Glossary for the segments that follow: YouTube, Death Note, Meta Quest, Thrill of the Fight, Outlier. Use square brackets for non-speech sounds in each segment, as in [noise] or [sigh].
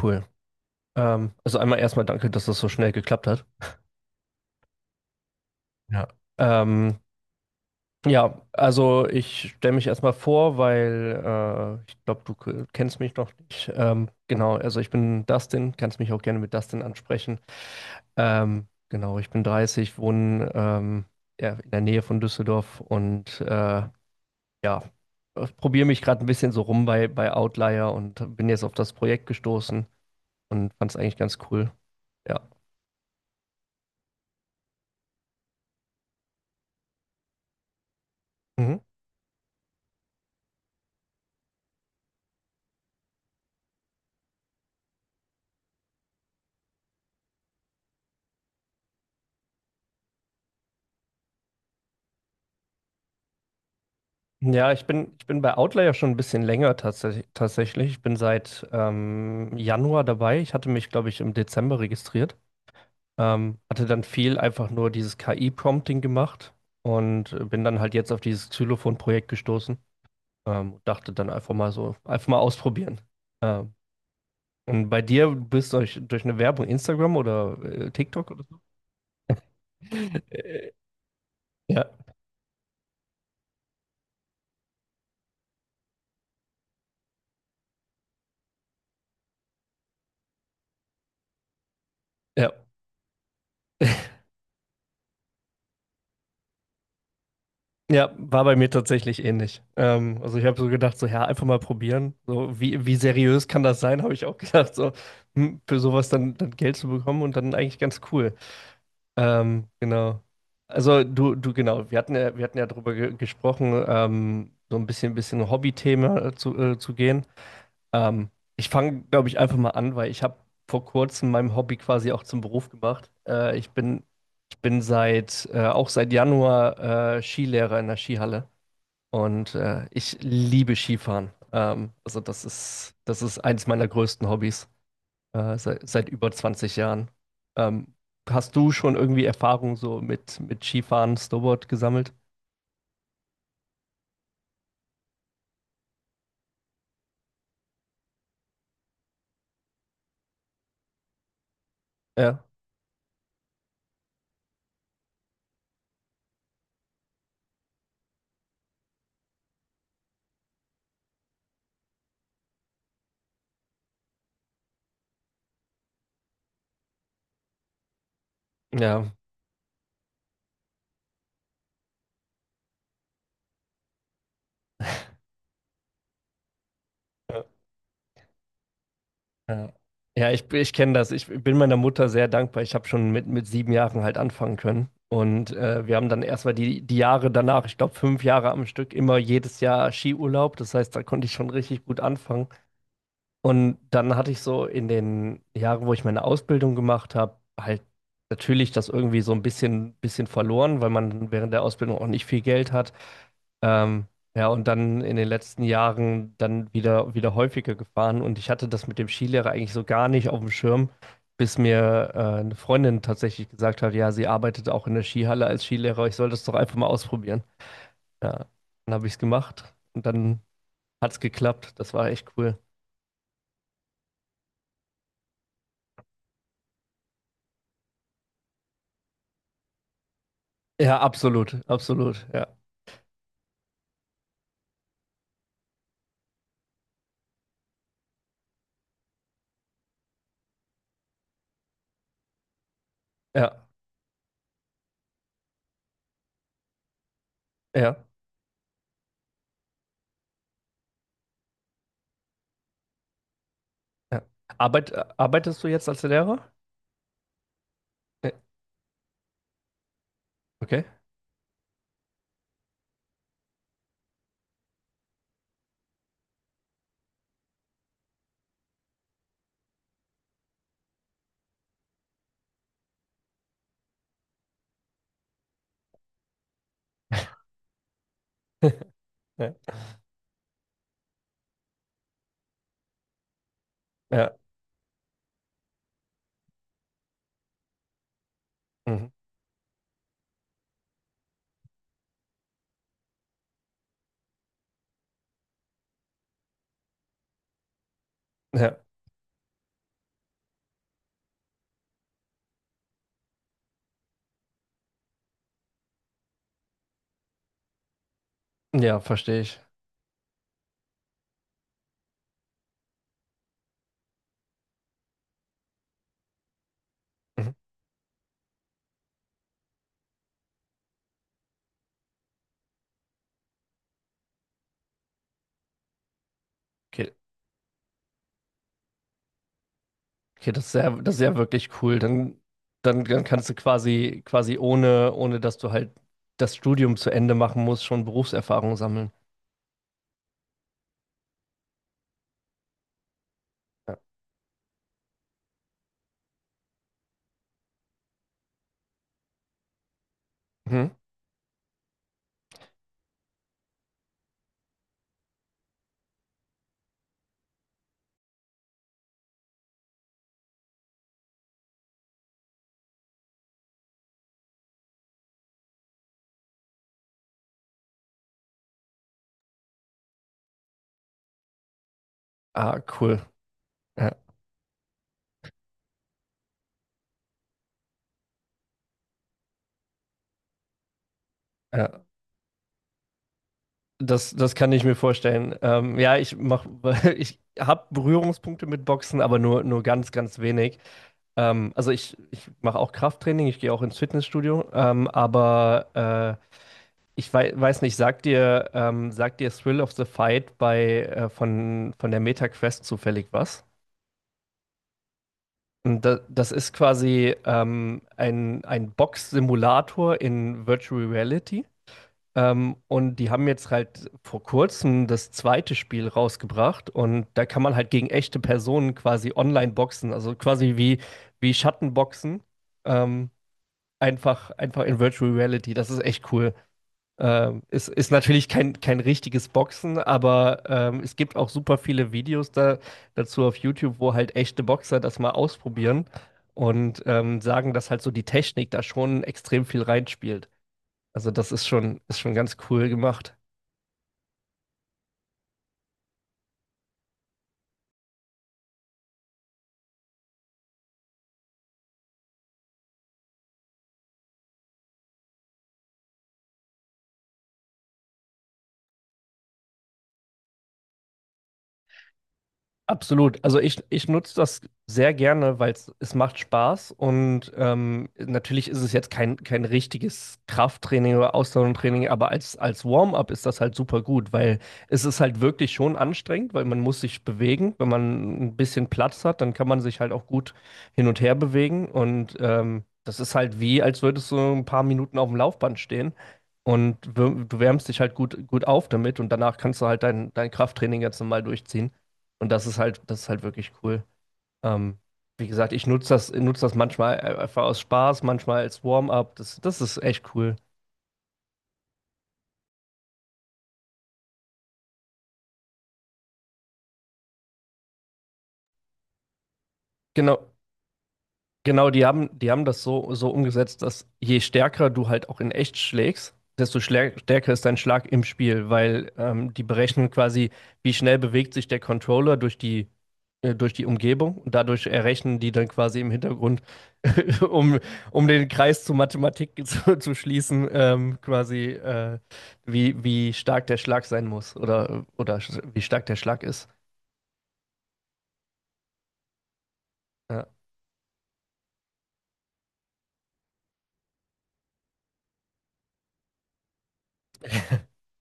Cool. Also einmal erstmal danke, dass das so schnell geklappt hat. Ja. Ähm, ja, also ich stelle mich erstmal vor, weil ich glaube, du kennst mich noch nicht. Genau, also ich bin Dustin, kannst mich auch gerne mit Dustin ansprechen. Genau, ich bin 30, wohne ja, in der Nähe von Düsseldorf und ja, probiere mich gerade ein bisschen so rum bei Outlier und bin jetzt auf das Projekt gestoßen und fand es eigentlich ganz cool. Ja. Mhm. Ja, ich bin bei Outlier ja schon ein bisschen länger tatsächlich. Ich bin seit Januar dabei. Ich hatte mich, glaube ich, im Dezember registriert. Hatte dann viel einfach nur dieses KI-Prompting gemacht und bin dann halt jetzt auf dieses Xylophon-Projekt gestoßen. Dachte dann einfach mal so, einfach mal ausprobieren. Ähm, und bei dir, bist du durch eine Werbung Instagram oder TikTok oder so? [laughs] Äh, ja, ja. Ja, war bei mir tatsächlich ähnlich. Also ich habe so gedacht, so ja, einfach mal probieren. So, wie seriös kann das sein, [laughs] habe ich auch gedacht, so für sowas dann Geld zu bekommen und dann eigentlich ganz cool. Genau. Also genau, wir hatten ja darüber ge gesprochen, so ein bisschen Hobby-Thema zu gehen. Ähm, Ich fange, glaube ich, einfach mal an, weil ich habe vor kurzem mein Hobby quasi auch zum Beruf gemacht. Ich bin auch seit Januar Skilehrer in der Skihalle. Und ich liebe Skifahren. Also das ist eines meiner größten Hobbys seit über 20 Jahren. Ähm, Hast du schon irgendwie Erfahrung so mit Skifahren, Snowboard gesammelt? Ja, ja. Ja, ja, ich kenne das. Ich bin meiner Mutter sehr dankbar. Ich habe schon mit 7 Jahren halt anfangen können. Und wir haben dann erstmal die Jahre danach, ich glaube 5 Jahre am Stück, immer jedes Jahr Skiurlaub. Das heißt, da konnte ich schon richtig gut anfangen. Und dann hatte ich so in den Jahren, wo ich meine Ausbildung gemacht habe, halt natürlich das irgendwie so ein bisschen verloren, weil man während der Ausbildung auch nicht viel Geld hat. Ähm, ja, und dann in den letzten Jahren dann wieder häufiger gefahren. Und ich hatte das mit dem Skilehrer eigentlich so gar nicht auf dem Schirm, bis mir eine Freundin tatsächlich gesagt hat, ja, sie arbeitet auch in der Skihalle als Skilehrer. Ich soll das doch einfach mal ausprobieren. Ja, dann habe ich es gemacht und dann hat es geklappt. Das war echt cool. Ja, absolut, absolut. Ja, ja, ja, ja. Arbeitest du jetzt als Lehrer? Äh, Okay. [laughs] Ja, ja, mhm. Ja, ja, verstehe ich. Mhm. Okay, okay, das ist ja wirklich cool. Dann kannst du quasi ohne dass du halt das Studium zu Ende machen musst, schon Berufserfahrung sammeln. Ja. Mhm. Ah, cool. Ja, ja. Das kann ich mir vorstellen. Ja, [laughs] ich habe Berührungspunkte mit Boxen, aber nur ganz wenig. Also ich mache auch Krafttraining, ich gehe auch ins Fitnessstudio, aber ich wei weiß nicht, sagt dir Thrill of the Fight bei, von der Meta Quest zufällig was? Und da, das ist quasi ein Box-Simulator in Virtual Reality. Und die haben jetzt halt vor kurzem das zweite Spiel rausgebracht und da kann man halt gegen echte Personen quasi online boxen, also quasi wie Schattenboxen. Ähm, einfach in Virtual Reality. Das ist echt cool. Es ist natürlich kein richtiges Boxen, aber es gibt auch super viele Videos dazu auf YouTube, wo halt echte Boxer das mal ausprobieren und sagen, dass halt so die Technik da schon extrem viel reinspielt. Also das ist schon ganz cool gemacht. Absolut. Also ich nutze das sehr gerne, weil es macht Spaß und natürlich ist es jetzt kein richtiges Krafttraining oder Ausdauertraining, aber als Warm-up ist das halt super gut, weil es ist halt wirklich schon anstrengend, weil man muss sich bewegen. Wenn man ein bisschen Platz hat, dann kann man sich halt auch gut hin und her bewegen und das ist halt wie, als würdest du ein paar Minuten auf dem Laufband stehen. Und du wärmst dich halt gut auf damit und danach kannst du halt dein Krafttraining ganz normal durchziehen. Und das ist halt wirklich cool. Ähm, Wie gesagt, ich nutze das manchmal einfach aus Spaß, manchmal als Warm-up. Das ist echt cool. Genau, genau, die haben das so umgesetzt, dass je stärker du halt auch in echt schlägst, desto stärker ist dein Schlag im Spiel, weil die berechnen quasi, wie schnell bewegt sich der Controller durch die Umgebung und dadurch errechnen die dann quasi im Hintergrund, [laughs] um, um den Kreis zur Mathematik [laughs] zu schließen, quasi wie stark der Schlag sein muss oder, wie stark der Schlag ist. Ja, [laughs]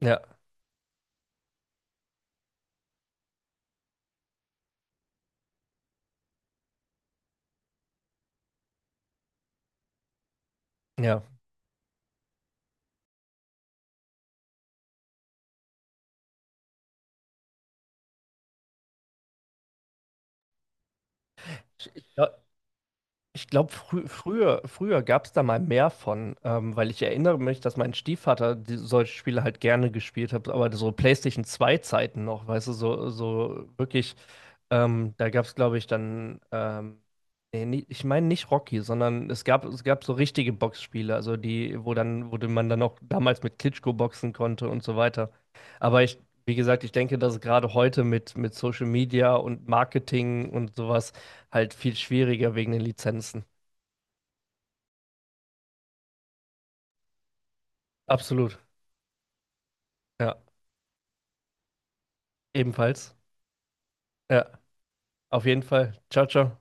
ja, ja. Ich, glaub- Ich glaube, früher gab es da mal mehr von, weil ich erinnere mich, dass mein Stiefvater solche Spiele halt gerne gespielt hat, aber so PlayStation 2 Zeiten noch, weißt du, so wirklich da gab es, glaube ich, dann, nee, ich meine nicht Rocky, sondern es gab so richtige Boxspiele, also die, wo dann, wo man dann auch damals mit Klitschko boxen konnte und so weiter. Aber ich, wie gesagt, ich denke, dass es gerade heute mit Social Media und Marketing und sowas halt viel schwieriger wegen den Lizenzen. Absolut, ja. Ebenfalls. Ja, auf jeden Fall. Ciao, ciao.